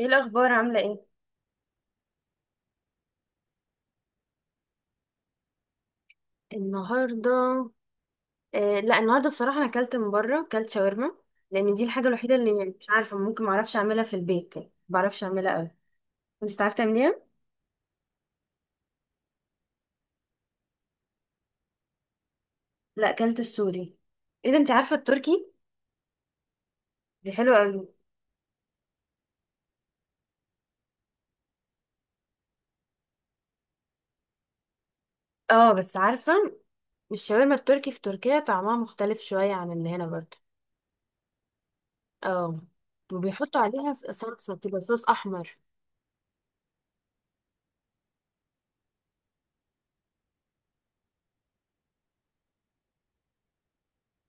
ايه الاخبار؟ عامله ايه النهارده؟ آه، لا النهارده بصراحه انا اكلت من بره، اكلت شاورما. لان دي الحاجه الوحيده اللي يعني مش عارفه ممكن ما اعرفش اعملها في البيت، يعني ما بعرفش اعملها قوي. انت بتعرفي تعمليها؟ لا، اكلت السوري. ايه ده؟ انت عارفه التركي؟ دي حلوه قوي. اه، بس عارفه. الشاورما التركي في تركيا طعمها مختلف شويه عن اللي هنا برضه. اه، وبيحطوا عليها صلصه كده، صوص احمر.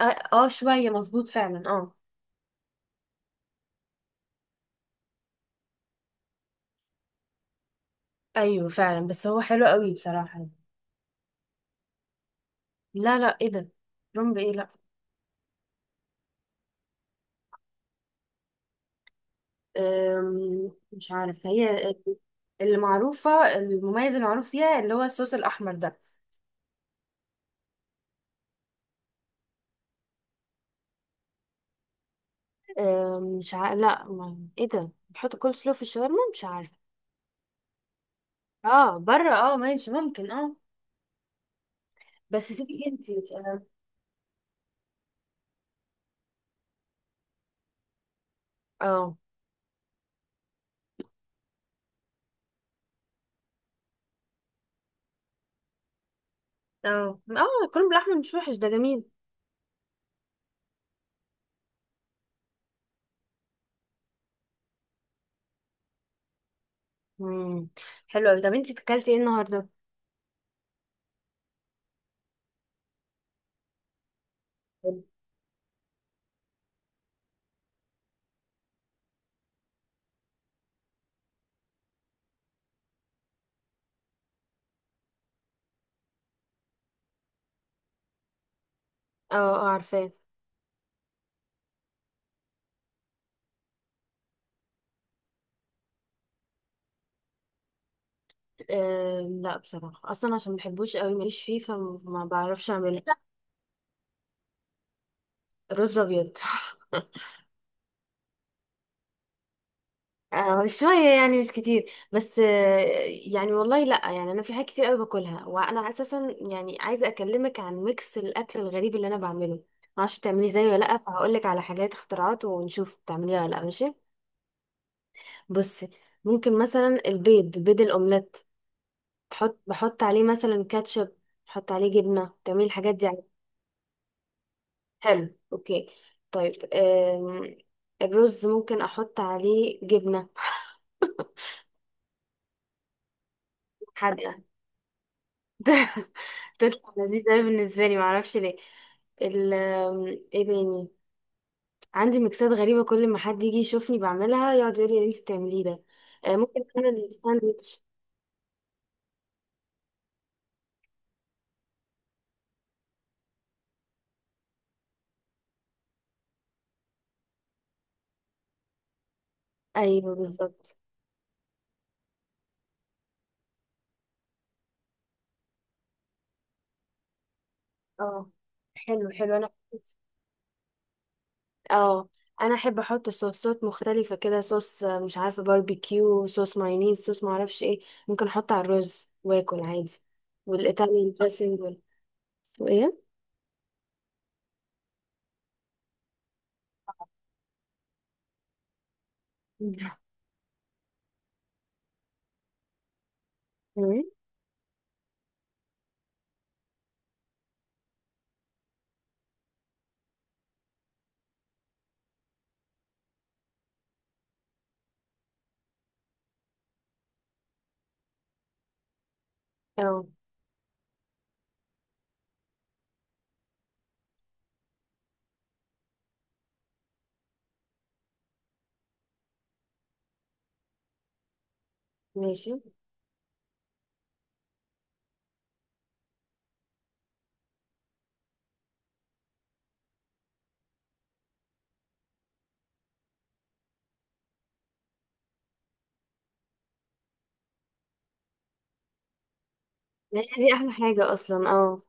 اه, آه، شويه مظبوط فعلا، اه. ايوه فعلا، بس هو حلو قوي بصراحه. لا لا، ايه ده؟ رمب ايه؟ لا. مش عارف هي اللي معروفة. المميز المعروف فيها اللي هو الصوص الأحمر ده. مش عارف. لا، ما... ايه ده، بيحطوا كول سلو في الشاورما؟ مش عارف. اه، بره، اه، ماشي، ممكن، اه. بس سيبي انتي. اه اه، اه الكرنب بالأحمر مش وحش، ده جميل. مم. حلو أوي. طب انتي اكلتي ايه النهاردة؟ اه اه، عارفاه. لا، بصراحة أصلا عشان مبحبوش قوي، ماليش فيه فما بعرفش أعمله. رز أبيض. آه، شوية يعني، مش كتير بس. يعني والله لأ، يعني أنا في حاجات كتير أوي باكلها، وأنا أساسا يعني عايزة أكلمك عن ميكس الأكل الغريب اللي أنا بعمله. معرفش بتعمليه زيي ولا لأ، فهقولك على حاجات اختراعات ونشوف بتعمليها ولا لأ، ماشي؟ بصي، ممكن مثلا بيض الأومليت بحط عليه مثلا كاتشب، بحط عليه جبنة، تعملي الحاجات دي عليه. حلو، أوكي. طيب، الرز ممكن أحط عليه جبنة. حادقة. ده تطلع لذيذ أوي بالنسبة لي، معرفش ليه. ال ايه تاني؟ عندي ميكسات غريبة، كل ما حد يجي يشوفني بعملها يقعد يقول لي اللي انت بتعمليه ده. ممكن اعمل ساندوتش. ايوه، بالظبط. اه، حلو حلو، انا. اه، انا احب احط صوصات مختلفة كده، صوص مش عارفة باربيكيو، صوص مايونيز، صوص معرفش ايه. ممكن احطه على الرز واكل عادي. والايطاليان دريسنج وايه. مم. اه، ماشي، ما هي دي احلى حاجه اصلا، اه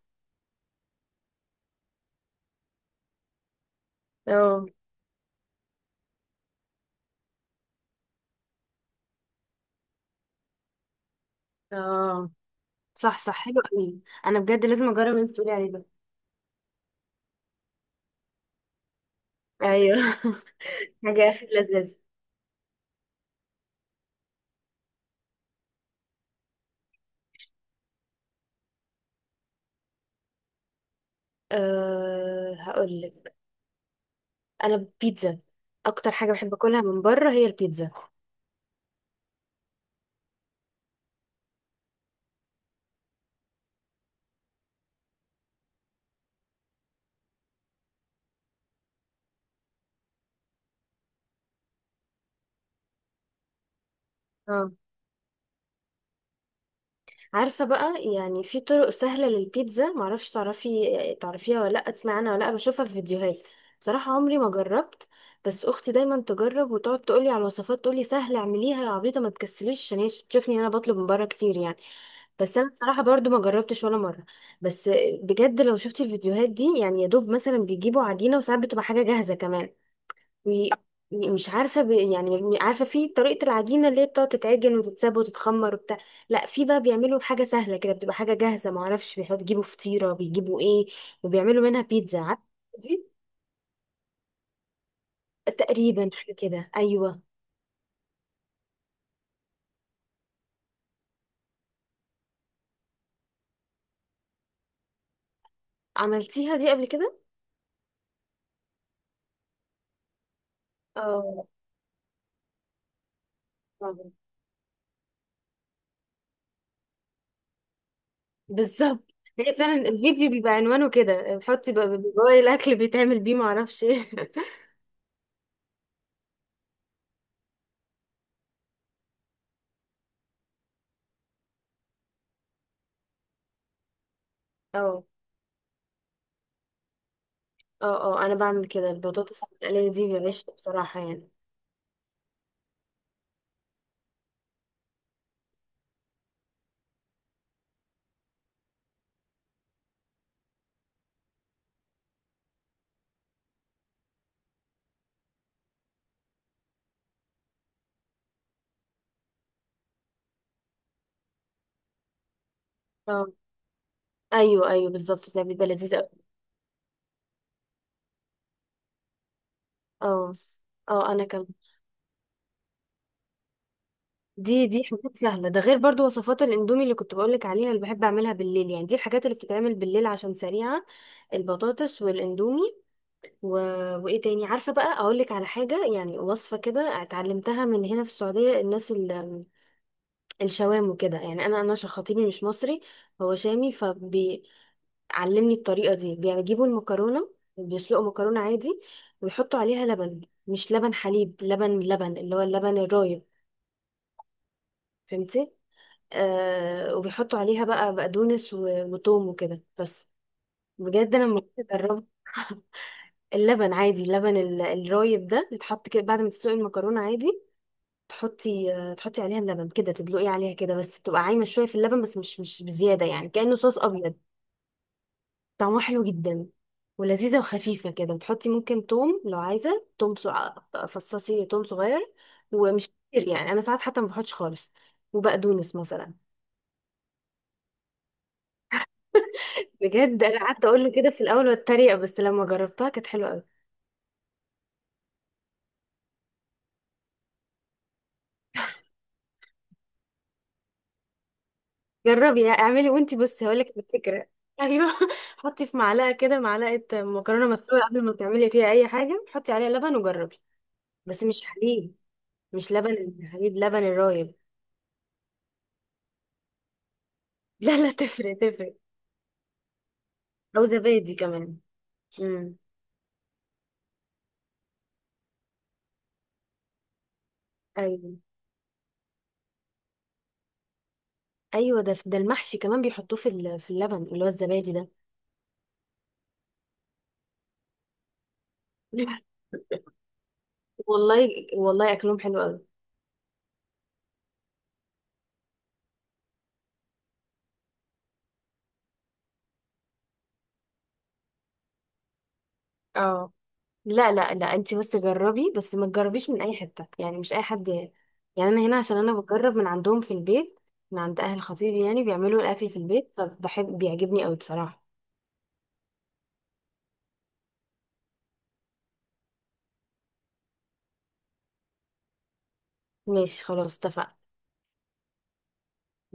اه، اه صح صح، حلو قوي. انا بجد لازم اجرب اللي انت بتقولي عليه ده. ايوه. حاجه اخر لذيذه. أه، هقول لك. انا بيتزا. اكتر حاجه بحب اكلها من بره هي البيتزا. اه، عارفة بقى، يعني في طرق سهلة للبيتزا، معرفش تعرفيها ولا لأ، تسمعي عنها ولا لأ، بشوفها في فيديوهات. بصراحة عمري ما جربت. بس أختي دايما تجرب وتقعد تقولي على الوصفات، تقولي سهلة، اعمليها يا عبيطة ما تكسليش، عشان هي تشوفني أنا بطلب من بره كتير يعني. بس أنا بصراحة برضو ما جربتش ولا مرة. بس بجد لو شفتي الفيديوهات دي، يعني يا دوب مثلا بيجيبوا عجينة، وساعات بتبقى حاجة جاهزة كمان. ومش عارفه يعني عارفه في طريقه العجينه اللي هي بتقعد تتعجن وتتساب وتتخمر وبتاع. لا، في بقى بيعملوا حاجه سهله كده، بتبقى حاجه جاهزه، ما اعرفش بيجيبوا فطيره، بيجيبوا ايه، وبيعملوا منها بيتزا، عارفه؟ دي تقريبا حاجه كده، ايوه. عملتيها دي قبل كده؟ اه، طبعاً. بالظبط، هي فعلا الفيديو بيبقى عنوانه كده، بحطي بقى جوه الاكل بيتعمل بيه، ما اعرفش ايه. اه اه، اه انا بعمل كده، البطاطس المقليه دي بعيش بصراحه يعني. ايوه ايوه، بالظبط، ده بيبقى لذيذ قوي. اه اه، انا كمان. دي حاجات سهله، ده غير برضو وصفات الاندومي اللي كنت بقولك عليها، اللي بحب اعملها بالليل، يعني دي الحاجات اللي بتتعمل بالليل عشان سريعه. البطاطس والاندومي و... وايه تاني؟ عارفه بقى، اقولك على حاجه يعني وصفه كده، اتعلمتها من هنا في السعوديه، الناس الشوام وكده، يعني انا عشان خطيبي مش مصري، هو شامي فبي علمني الطريقة دي. بيجيبوا المكرونة، بيسلقوا مكرونة عادي، ويحطوا عليها لبن. مش لبن حليب، لبن لبن اللي هو اللبن الرايب. فهمتي؟ آه، وبيحطوا عليها بقى بقدونس وتوم وكده بس. بجد انا لما كنت جربت. اللبن عادي، اللبن الرايب ده بيتحط كده بعد ما تسلقي المكرونة عادي، تحطي عليها اللبن كده، تدلقي عليها كده بس، بتبقى عايمة شوية في اللبن، بس مش بزيادة، يعني كأنه صوص أبيض. طعمها حلو جدا، ولذيذة وخفيفة كده. بتحطي ممكن توم لو عايزة، توم فصصي توم صغير، ومش كتير يعني، أنا ساعات حتى ما بحطش خالص. وبقدونس مثلا. بجد أنا قعدت أقول له كده في الأول واتريق، بس لما جربتها كانت حلوة أوي. جربي يعني، اعملي وأنتي بصي هقولك الفكرة. أيوه. حطي في معلقة كده، معلقة مكرونة مسلوقة قبل ما تعملي فيها أي حاجة، حطي عليها لبن وجربي. بس مش حليب، مش لبن. الحليب لبن الرايب. لا لا، تفرق تفرق. أو زبادي كمان. مم. ايوه ايوه، ده المحشي كمان بيحطوه في في اللبن اللي هو الزبادي ده. والله والله، اكلهم حلو قوي. اه، لا لا لا، انت بس جربي، بس ما تجربيش من اي حته يعني، مش اي حد. يعني انا هنا عشان انا بجرب من عندهم في البيت، من عند اهل خطيبي، يعني بيعملوا الاكل في البيت، فبحب بيعجبني قوي بصراحه. ماشي، خلاص، اتفقنا.